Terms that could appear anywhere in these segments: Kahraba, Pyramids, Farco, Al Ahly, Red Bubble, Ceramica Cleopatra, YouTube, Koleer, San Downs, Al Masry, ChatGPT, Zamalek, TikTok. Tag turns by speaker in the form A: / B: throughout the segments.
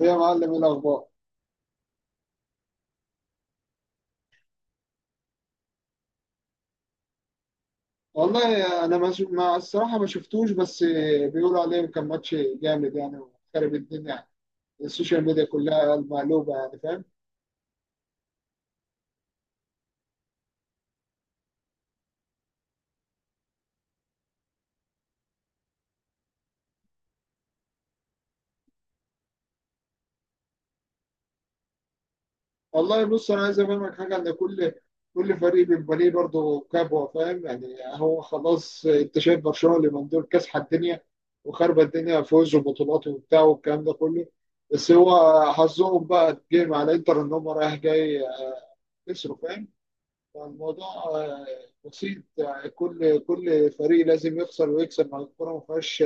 A: إيه يا معلم؟ ايه الاخبار؟ والله انا ما الصراحه ما شفتوش، بس بيقولوا عليه كان ماتش جامد يعني، وخرب الدنيا يعني. السوشيال ميديا كلها مقلوبه يعني، فاهم؟ والله بص، انا عايز افهمك حاجه، ان كل فريق بيبقى ليه برضه كبوه، فاهم يعني؟ هو خلاص، انت شايف برشلونه اللي من دول كاسحه الدنيا وخربت الدنيا، فوز وبطولات وبتاع والكلام ده كله. بس هو حظهم بقى اتجه مع الانتر، ان هم رايح جاي خسروا، فاهم؟ الموضوع بسيط يعني. كل فريق لازم يخسر ويكسب، مع الكورة ما فيهاش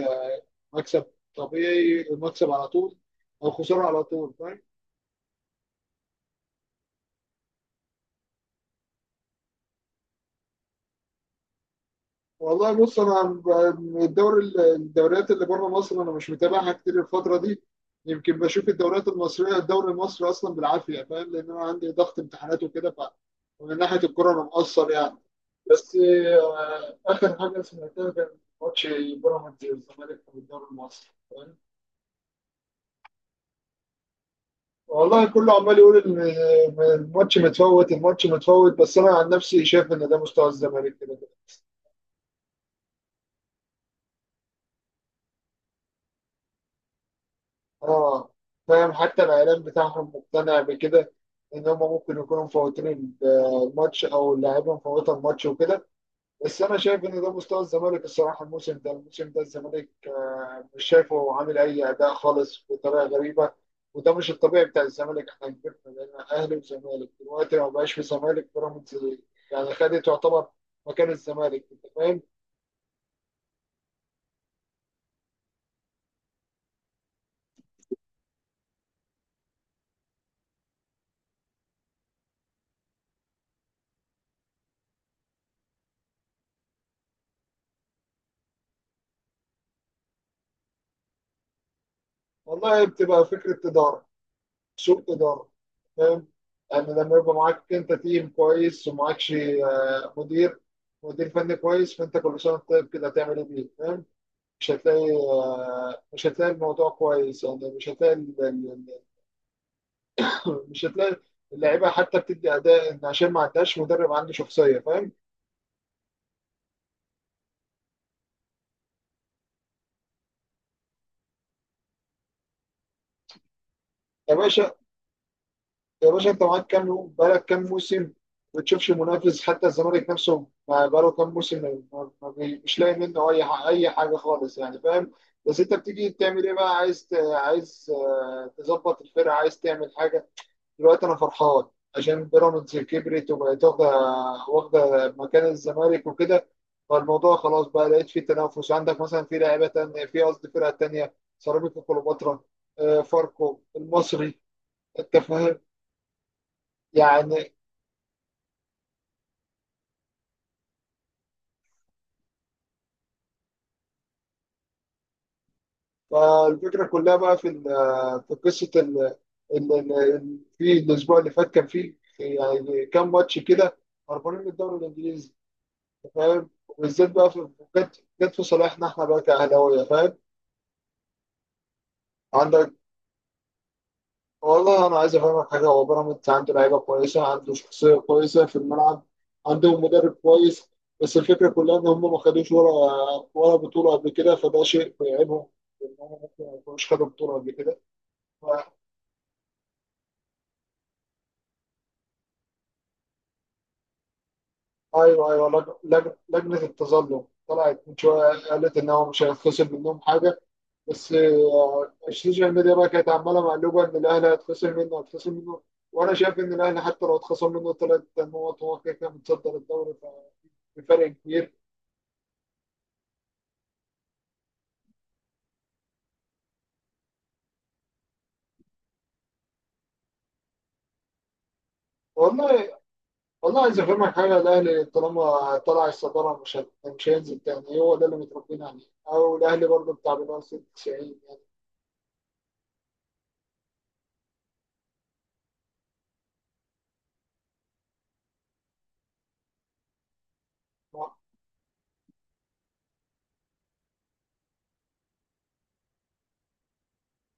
A: مكسب طبيعي، المكسب على طول أو خسارة على طول، فاهم؟ والله بص، الدوري، الدوريات اللي بره مصر، أنا مش متابعها كتير الفترة دي. يمكن بشوف الدوريات المصرية، الدوري المصري أصلا بالعافية، فاهم؟ لأن أنا عندي ضغط امتحانات وكده، ف ومن ناحية الكورة أنا مقصر يعني. بس آخر حاجة سمعتها كان ماتش بيراميدز والزمالك في الدوري المصري. والله كله عمال يقول إن الماتش متفوت، الماتش متفوت، بس انا عن نفسي شايف ان ده مستوى الزمالك كده كده. اه، فاهم؟ حتى الاعلام بتاعهم مقتنع بكده، ان هم ممكن يكونوا مفوتين الماتش، او اللاعيبه مفوته الماتش وكده. بس انا شايف ان ده مستوى الزمالك الصراحه، الموسم ده، الموسم ده الزمالك مش شايفه عامل اي اداء خالص، بطريقه غريبه. وده مش الطبيعي بتاع الزمالك. احنا كبرنا بقينا اهلي وزمالك، دلوقتي ما بقاش في زمالك، بيراميدز يعني خدت تعتبر مكان الزمالك، انت فاهم؟ والله بتبقى فكره اداره، سوء اداره، فاهم؟ يعني لما يبقى معاك انت تيم كويس ومعاكش مدير، مدير فني كويس، فانت كل سنه طيب كده هتعمل ايه بيه، فاهم؟ مش هتلاقي، مش هتلاقي الموضوع كويس يعني، مش هتلاقي مش هتلاقي اللعيبه حتى بتدي اداء، ان عشان ما عندهاش مدرب عنده شخصيه، فاهم؟ يا باشا، يا باشا، انت معاك كام يوم؟ بقالك كام موسم ما بتشوفش منافس؟ حتى الزمالك نفسه ما بقاله كام موسم ما- ما- ما بي- مش لاقي منه اي حاجه خالص يعني، فاهم؟ بس انت بتيجي تعمل ايه بقى؟ عايز عايز تظبط الفرقه، عايز تعمل حاجه. دلوقتي انا فرحان عشان بيراميدز كبرت وبقت واخده، واخده مكان الزمالك وكده. فالموضوع خلاص بقى لقيت فيه تنافس، عندك مثلا في لعيبه تانية، في قصدي فرقه تانية، سيراميكا كليوباترا، فاركو، المصري. انت فاهم يعني؟ فالفكره كلها بقى في في قصه في الاسبوع اللي فات كان فيه يعني كام ماتش كده هربانين من الدوري الانجليزي، انت فاهم؟ وبالذات بقى في، جت في صالحنا احنا بقى كاهلاويه، فاهم؟ عندك، والله انا عايز افهمك حاجه، هو بيراميدز عنده لعيبه كويسه، عنده شخصيه كويسه في الملعب، عندهم مدرب كويس. بس الفكره كلها ان هم ما خدوش ولا ولا بطوله قبل كده، فده شيء بيعيبهم، ان هم ممكن ما يكونوش خدوا بطوله قبل كده. ف- ايوه ايوه، لجنه التظلم طلعت من شويه، قالت ان هو مش هيتخصم منهم حاجه. بس السوشيال ميديا بقى كانت عماله مقلوبه ان الاهلي هيتخصم منه، هيتخصم منه. وانا شايف ان الاهلي حتى لو اتخصم منه ثلاث نقط هو كده كده متصدر الدوري ف- بفرق كبير. والله، والله عايز افهمك حاجه، الاهلي طالما طلع الصداره مش هينزل تاني. هو ده اللي متربيين عليه، او الاهلي برضه بتاع بنوصل 90 يعني.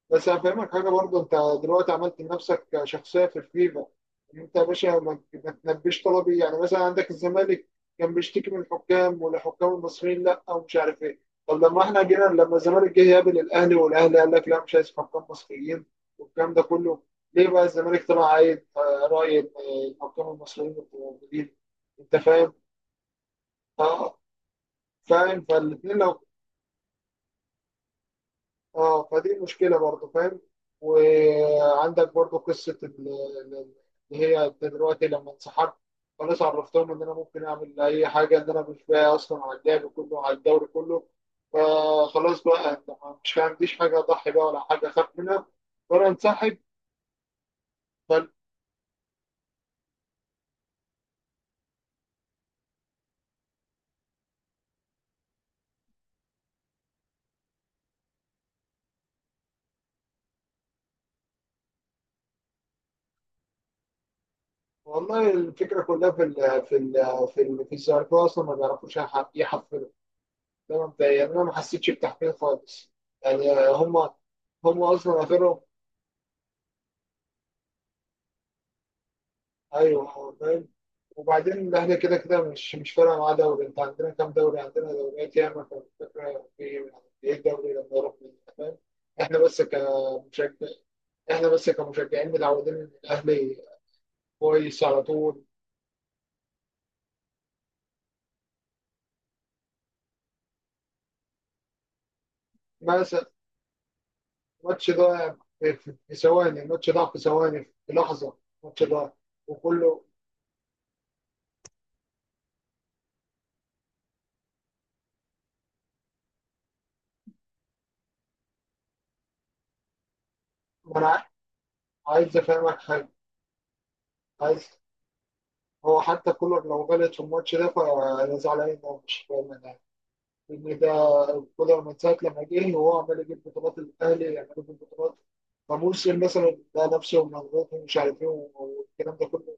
A: بس هفهمك حاجه برضه، انت دلوقتي عملت لنفسك شخصيه في الفيفا، ان انت يا باشا ما، ما تنبيش طلبي. يعني مثلا عندك الزمالك كان بيشتكي من الحكام، والحكام المصريين لا، ومش عارف ايه. طب لما احنا جينا، لما الزمالك جه يقابل الاهلي، والاهلي قال لك لا، مش عايز حكام مصريين والكلام ده كله، ليه بقى الزمالك طلع عايز راي إن الحكام المصريين الموجودين؟ انت فاهم؟ اه، فاهم. فالاثنين لو، اه فدي مشكله برضه، فاهم؟ وعندك برضه قصه اللي هي دلوقتي لما انسحبت، خلاص عرفتهم ان انا ممكن اعمل اي حاجه، ان انا مش باقي اصلا على اللعب كله على الدوري كله. فخلاص بقى انت مش ما عنديش حاجه اضحي بقى، ولا حاجه اخاف منها، وانا انسحب. بل، والله الفكره كلها في ال في ال في الزمالكاويه اصلا ما بيعرفوش يحفلوا. ده مبدئيا يعني انا ما حسيتش بتحفيل خالص يعني. هم، هم اصلا اخرهم. ايوه، فاهم. وبعدين الاهلي كده كده مش مش فارقه معاه دوري. انت عندنا كام دوري؟ عندنا دوريات ياما، فالفكره في ايه؟ إيه الدوري لما يروح من، فاهم؟ احنا بس كمشجع، احنا بس كمشجعين متعودين ان الاهلي كويس على طول. مثلا الماتش ده، في في ثواني، الماتش ده في ثواني في لحظه، الماتش ده، وكله ما انا، عايز افهمك حاجه، عايز، هو حتى كولر لو غلط في الماتش ده فانا زعلان إن هو مش فاهم ده. كولر من ساعة لما جه وهو عمال يجيب بطولات الأهلي، يعملوا في البطولات، فموسم مثلا ده نفسه مضغوط، ومش عارف إيه والكلام ده كله.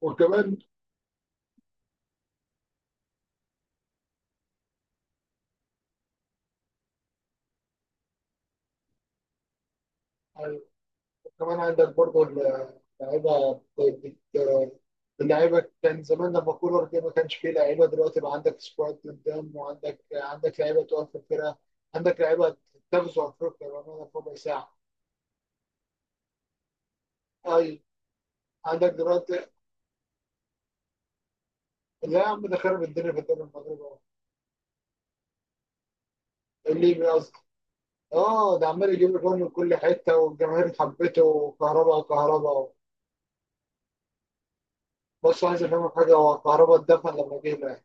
A: وكمان يعني، كمان عندك برضه اللعيبة بت- بت- اللعيبة كان زمان لما كولر جه ما كانش فيه لعيبة، دلوقتي بقى عندك سكواد قدام، وعندك لعيبة تقف في الفرقة، عندك لعيبة تغزو أفريقيا بأمانة في ربع ساعة. أي، عندك دلوقتي، لا يا عم، ده خرب الدنيا في الدوري المغربي، الليبي قصدي. اه، ده عمال يجيب جون من كل حته، والجماهير حبته. وكهرباء، كهرباء، بص عايز افهمك حاجه، هو كهرباء اتدفن لما جه.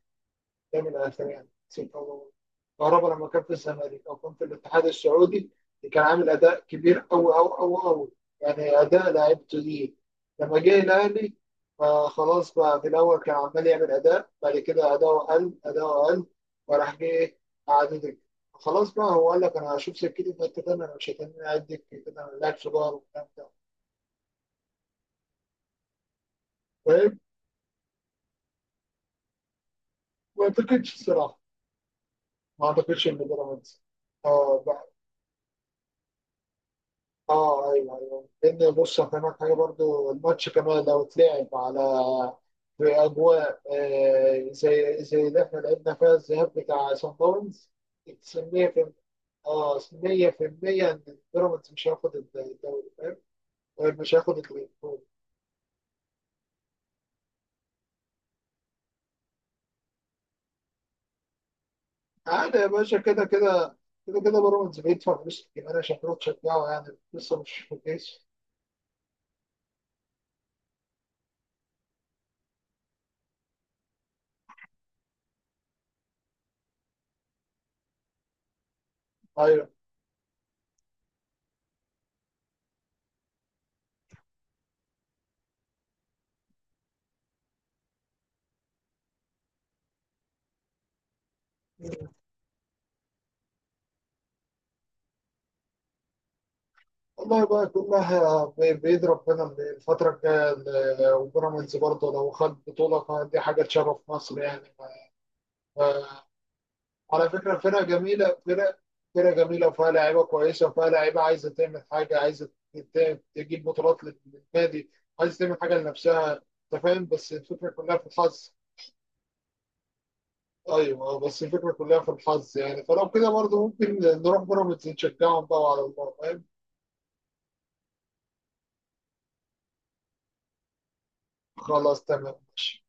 A: دايما اهلاوي يعني، نسيت والله، كهربا لما كان في الزمالك او كان في الاتحاد السعودي كان عامل اداء كبير قوي قوي قوي قوي، يعني اداء لعيبته دي. لما جه الاهلي، فخلاص بقى في الاول كان عمال يعمل اداء، بعد كده اداؤه قل، اداؤه قل، وراح جه إيه؟ قعد دكة. خلاص بقى هو قال لك انا هشوف سكتي في حته تانيه، انا مش هتنين قاعد دكة كده، انا لاعب صغير وبتاع، فاهم؟ ما اعتقدش الصراحه، ما اعتقدش ان بيراميدز، اه. اه ايوه ايوه، لان بص هفهمك حاجه برضو، الماتش كمان لو اتلعب على، في اجواء زي زي اللي احنا لعبنا فيها الذهاب بتاع سان داونز، 100% في، اه، 100% ان بيراميدز مش هياخد الدوري، فاهم؟ مش هياخد البطوله. عادي يا باشا، كده كده، كده كده بيراميدز بيدفع فلوس كتير انا شكله تشجعه يعني، لسه مش في الكيس. ايوه، والله بقى كلها بإيد ربنا من الفترة الجاية ال- وبيراميدز برضه لو خد بطولة فدي حاجة تشرف مصر يعني. على فكرة فرقة جميلة، فرقة، فرقة جميلة، وفيها لعيبة كويسة، وفيها لعيبة عايزة تعمل حاجة، عايزة تجيب بطولات لل- للنادي، عايزة تعمل حاجة لنفسها. أنت فاهم؟ بس الفكرة كلها في الحظ. أيوه، بس الفكرة كلها في الحظ يعني، فلو كده برضه ممكن نروح بيراميدز نشجعهم بقى على الله، فاهم؟ خلاص تمام ماشي.